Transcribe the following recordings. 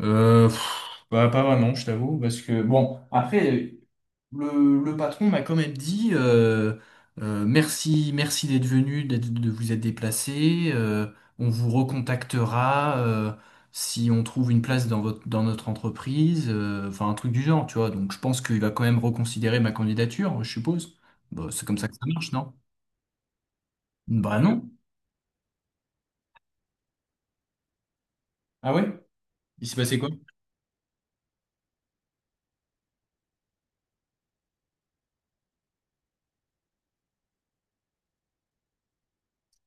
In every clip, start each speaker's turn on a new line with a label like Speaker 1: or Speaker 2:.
Speaker 1: Pas vraiment, je t'avoue, parce que bon, après, le patron m'a quand même dit merci, merci d'être venu, de vous être déplacé. On vous recontactera si on trouve une place dans dans notre entreprise, enfin un truc du genre, tu vois. Donc je pense qu'il va quand même reconsidérer ma candidature, je suppose. Bah, c'est comme ça que ça marche, non? Bah non. Ah ouais? Il s'est passé quoi?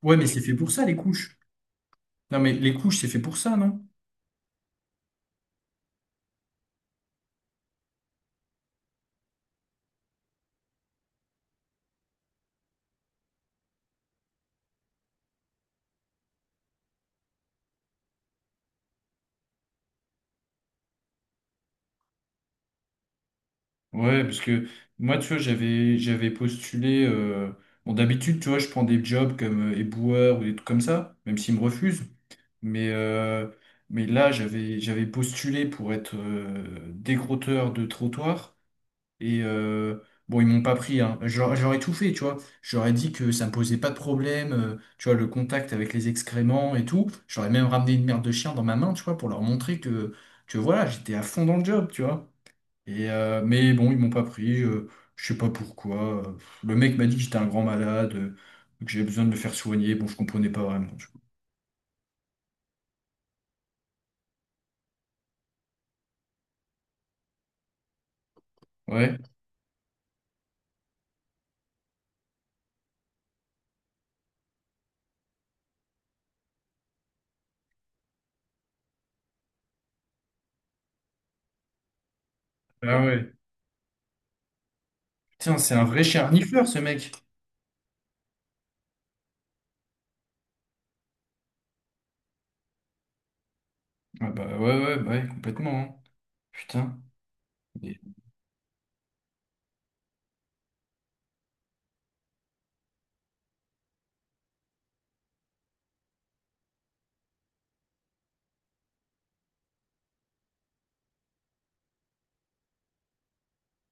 Speaker 1: Ouais, mais c'est fait pour ça, les couches. Non, mais les couches, c'est fait pour ça, non? Ouais, parce que moi, tu vois, j'avais postulé. Bon, d'habitude, tu vois, je prends des jobs comme éboueur ou des trucs comme ça, même s'ils me refusent. Mais, euh, mais là, j'avais postulé pour être décrotteur de trottoir. Et euh, bon, ils m'ont pas pris. Hein. J'aurais tout fait, tu vois. J'aurais dit que ça me posait pas de problème, tu vois, le contact avec les excréments et tout. J'aurais même ramené une merde de chien dans ma main, tu vois, pour leur montrer que voilà, j'étais à fond dans le job, tu vois. Mais bon, ils m'ont pas pris, je sais pas pourquoi. Le mec m'a dit que j'étais un grand malade, que j'avais besoin de me faire soigner. Bon, je comprenais pas vraiment. Tu vois. Ouais, ah ouais. Putain, c'est un vrai charnifleur, ce mec. Ah bah ouais, ouais, bah ouais, complètement. Hein. Putain. Et-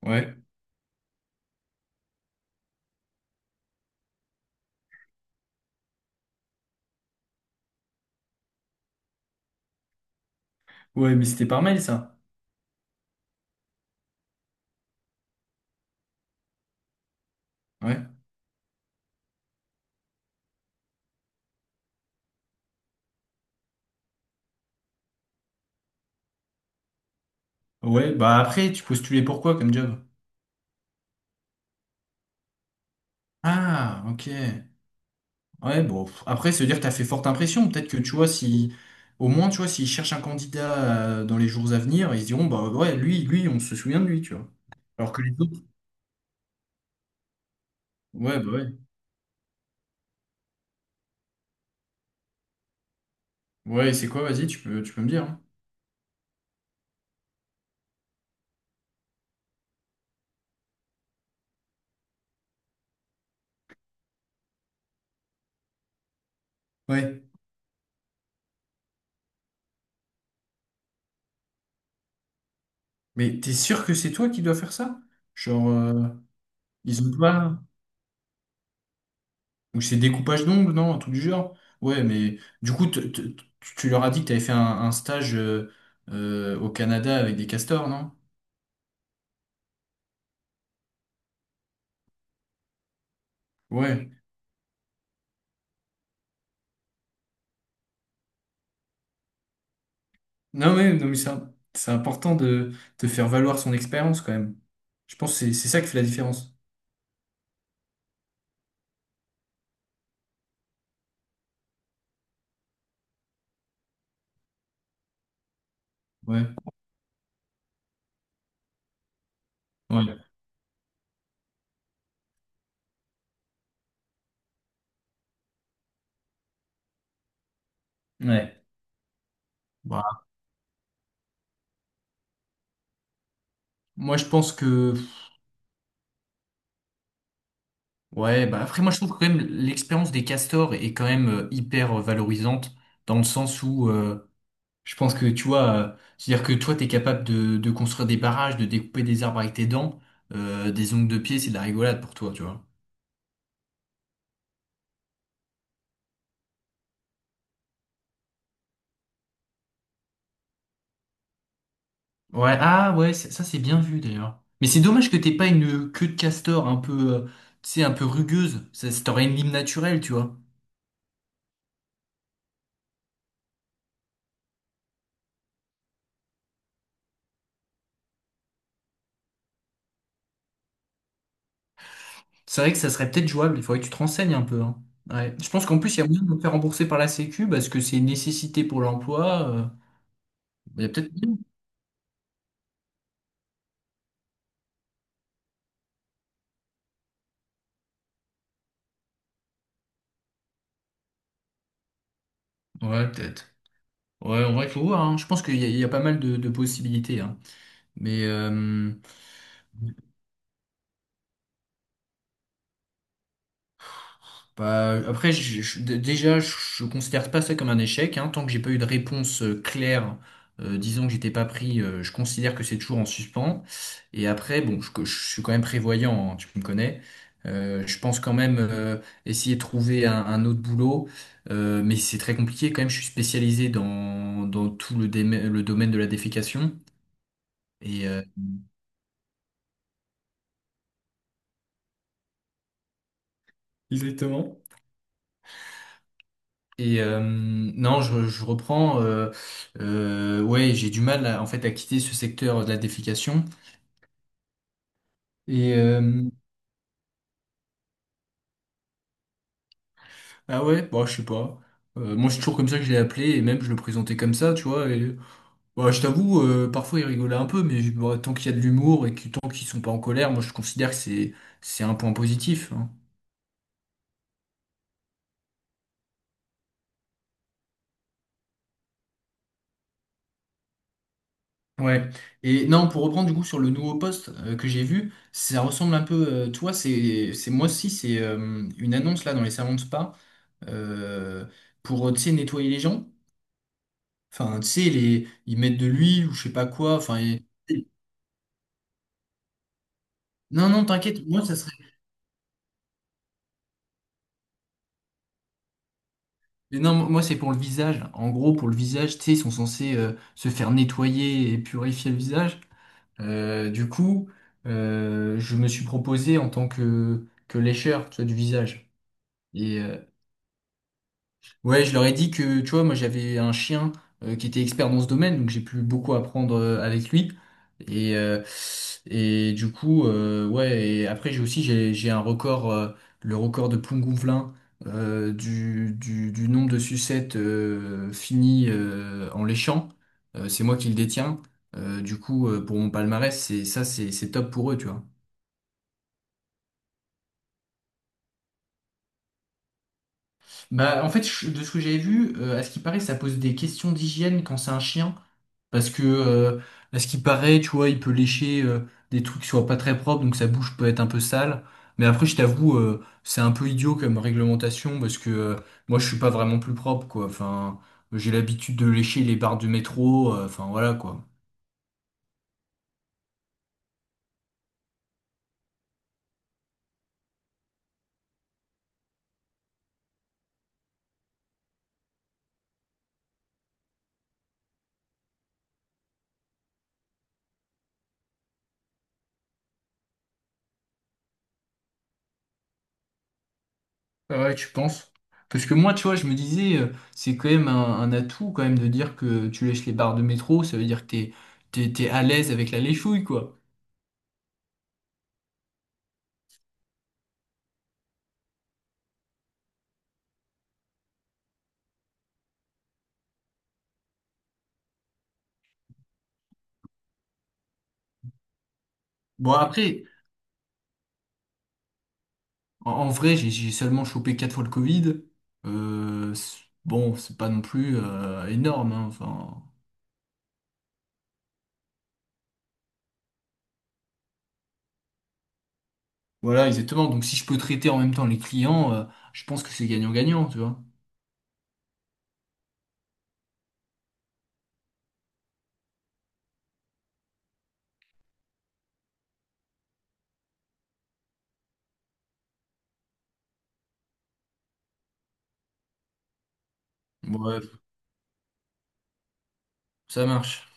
Speaker 1: Ouais. Ouais, mais c'était par mail, ça. Ouais. Ouais, bah après, tu postulais pour quoi comme job? Ah, ok. Ouais, bon, après, se dire que t'as fait forte impression, peut-être que tu vois, si, au moins, tu vois, s'ils cherchent un candidat dans les jours à venir, ils se diront, bah ouais, lui, on se souvient de lui, tu vois. Alors que les autres, ouais, bah ouais. Ouais, c'est quoi, vas-y, tu peux me dire. Hein. Ouais. Mais t'es sûr que c'est toi qui dois faire ça? Genre, ils ont pas. Ou c'est découpage d'ongles, non, un truc du genre. Ouais, mais du coup, tu leur as dit que t'avais fait un stage au Canada avec des castors, non? Ouais. Non, mais, non, mais c'est important de faire valoir son expérience quand même. Je pense que c'est ça qui fait la différence. Ouais, ouais, ouais. Bah, moi, je pense que. Ouais, bah après, moi, je trouve que quand même l'expérience des castors est quand même hyper valorisante dans le sens où. Je pense que tu vois, c'est-à-dire que toi, t'es capable de construire des barrages, de découper des arbres avec tes dents, des ongles de pied, c'est de la rigolade pour toi, tu vois. Ouais, ah ouais, ça c'est bien vu d'ailleurs. Mais c'est dommage que t'aies pas une queue de castor un peu, tu sais, un peu rugueuse. Ça t'aurait une lime naturelle, tu vois. C'est vrai que ça serait peut-être jouable, il faudrait que tu te renseignes un peu, hein. Ouais. Je pense qu'en plus, il y a moyen de me faire rembourser par la Sécu parce que c'est une nécessité pour l'emploi. Il y a peut-être moyen. Ouais, peut-être. Ouais, en vrai, il faut voir, hein. Je pense qu'il y a pas mal de possibilités, hein. Mais, euh, Bah, après, je considère pas ça comme un échec, hein. Tant que j'ai pas eu de réponse claire, disant que j'étais pas pris, je considère que c'est toujours en suspens. Et après, bon, je suis quand même prévoyant, hein, tu me connais. Je pense quand même essayer de trouver un autre boulot, mais c'est très compliqué quand même. Je suis spécialisé dans tout le, le domaine de la défécation. Et, euh, Exactement. Non, je reprends. Ouais, j'ai du mal à- en fait à quitter ce secteur de la défécation. Et euh, ah ouais, bah je sais pas. Moi, c'est toujours comme ça que je l'ai appelé et même je le présentais comme ça, tu vois. Et bah, je t'avoue, parfois il rigolait un peu, mais bah, tant qu'il y a de l'humour et que tant qu'ils sont pas en colère, moi je considère que c'est un point positif. Hein. Ouais. Et non, pour reprendre du coup sur le nouveau poste que j'ai vu, ça ressemble un peu. Tu vois, c'est moi aussi, c'est une annonce là dans les salons de spa. euh, pour, tu sais, nettoyer les gens. Enfin, tu sais, les, ils mettent de l'huile ou je sais pas quoi. Non, non, t'inquiète, moi, ça serait... Mais non, moi, c'est pour le visage. En gros, pour le visage, tu sais, ils sont censés se faire nettoyer et purifier le visage. Euh, du coup, je me suis proposé en tant que lécheur, tu vois, du visage. Et, euh, Ouais, je leur ai dit que, tu vois, moi j'avais un chien qui était expert dans ce domaine, donc j'ai pu beaucoup apprendre avec lui. Et, euh, et du coup, ouais, et après j'ai un record, le record de Plougonvelin du, du nombre de sucettes finies en léchant. C'est moi qui le détiens. Pour mon palmarès, c'est ça, c'est top pour eux, tu vois. Bah, en fait, de ce que j'avais vu, à ce qui paraît, ça pose des questions d'hygiène quand c'est un chien. Parce que, euh, à ce qui paraît, tu vois, il peut lécher des trucs qui soient pas très propres, donc sa bouche peut être un peu sale. Mais après, je t'avoue, c'est un peu idiot comme réglementation, parce que moi, je suis pas vraiment plus propre, quoi. Enfin, j'ai l'habitude de lécher les barres de métro, enfin, voilà, quoi. Ah ouais, tu penses? Parce que moi, tu vois, je me disais, c'est quand même un atout, quand même, de dire que tu lèches les barres de métro, ça veut dire que t'es à l'aise avec la léchouille, quoi. Bon, après, en, en vrai, j'ai seulement chopé 4 fois le Covid. Bon, c'est pas non plus énorme. Hein. Enfin, voilà, exactement. Donc si je peux traiter en même temps les clients, je pense que c'est gagnant-gagnant, tu vois. Ouais, ça marche.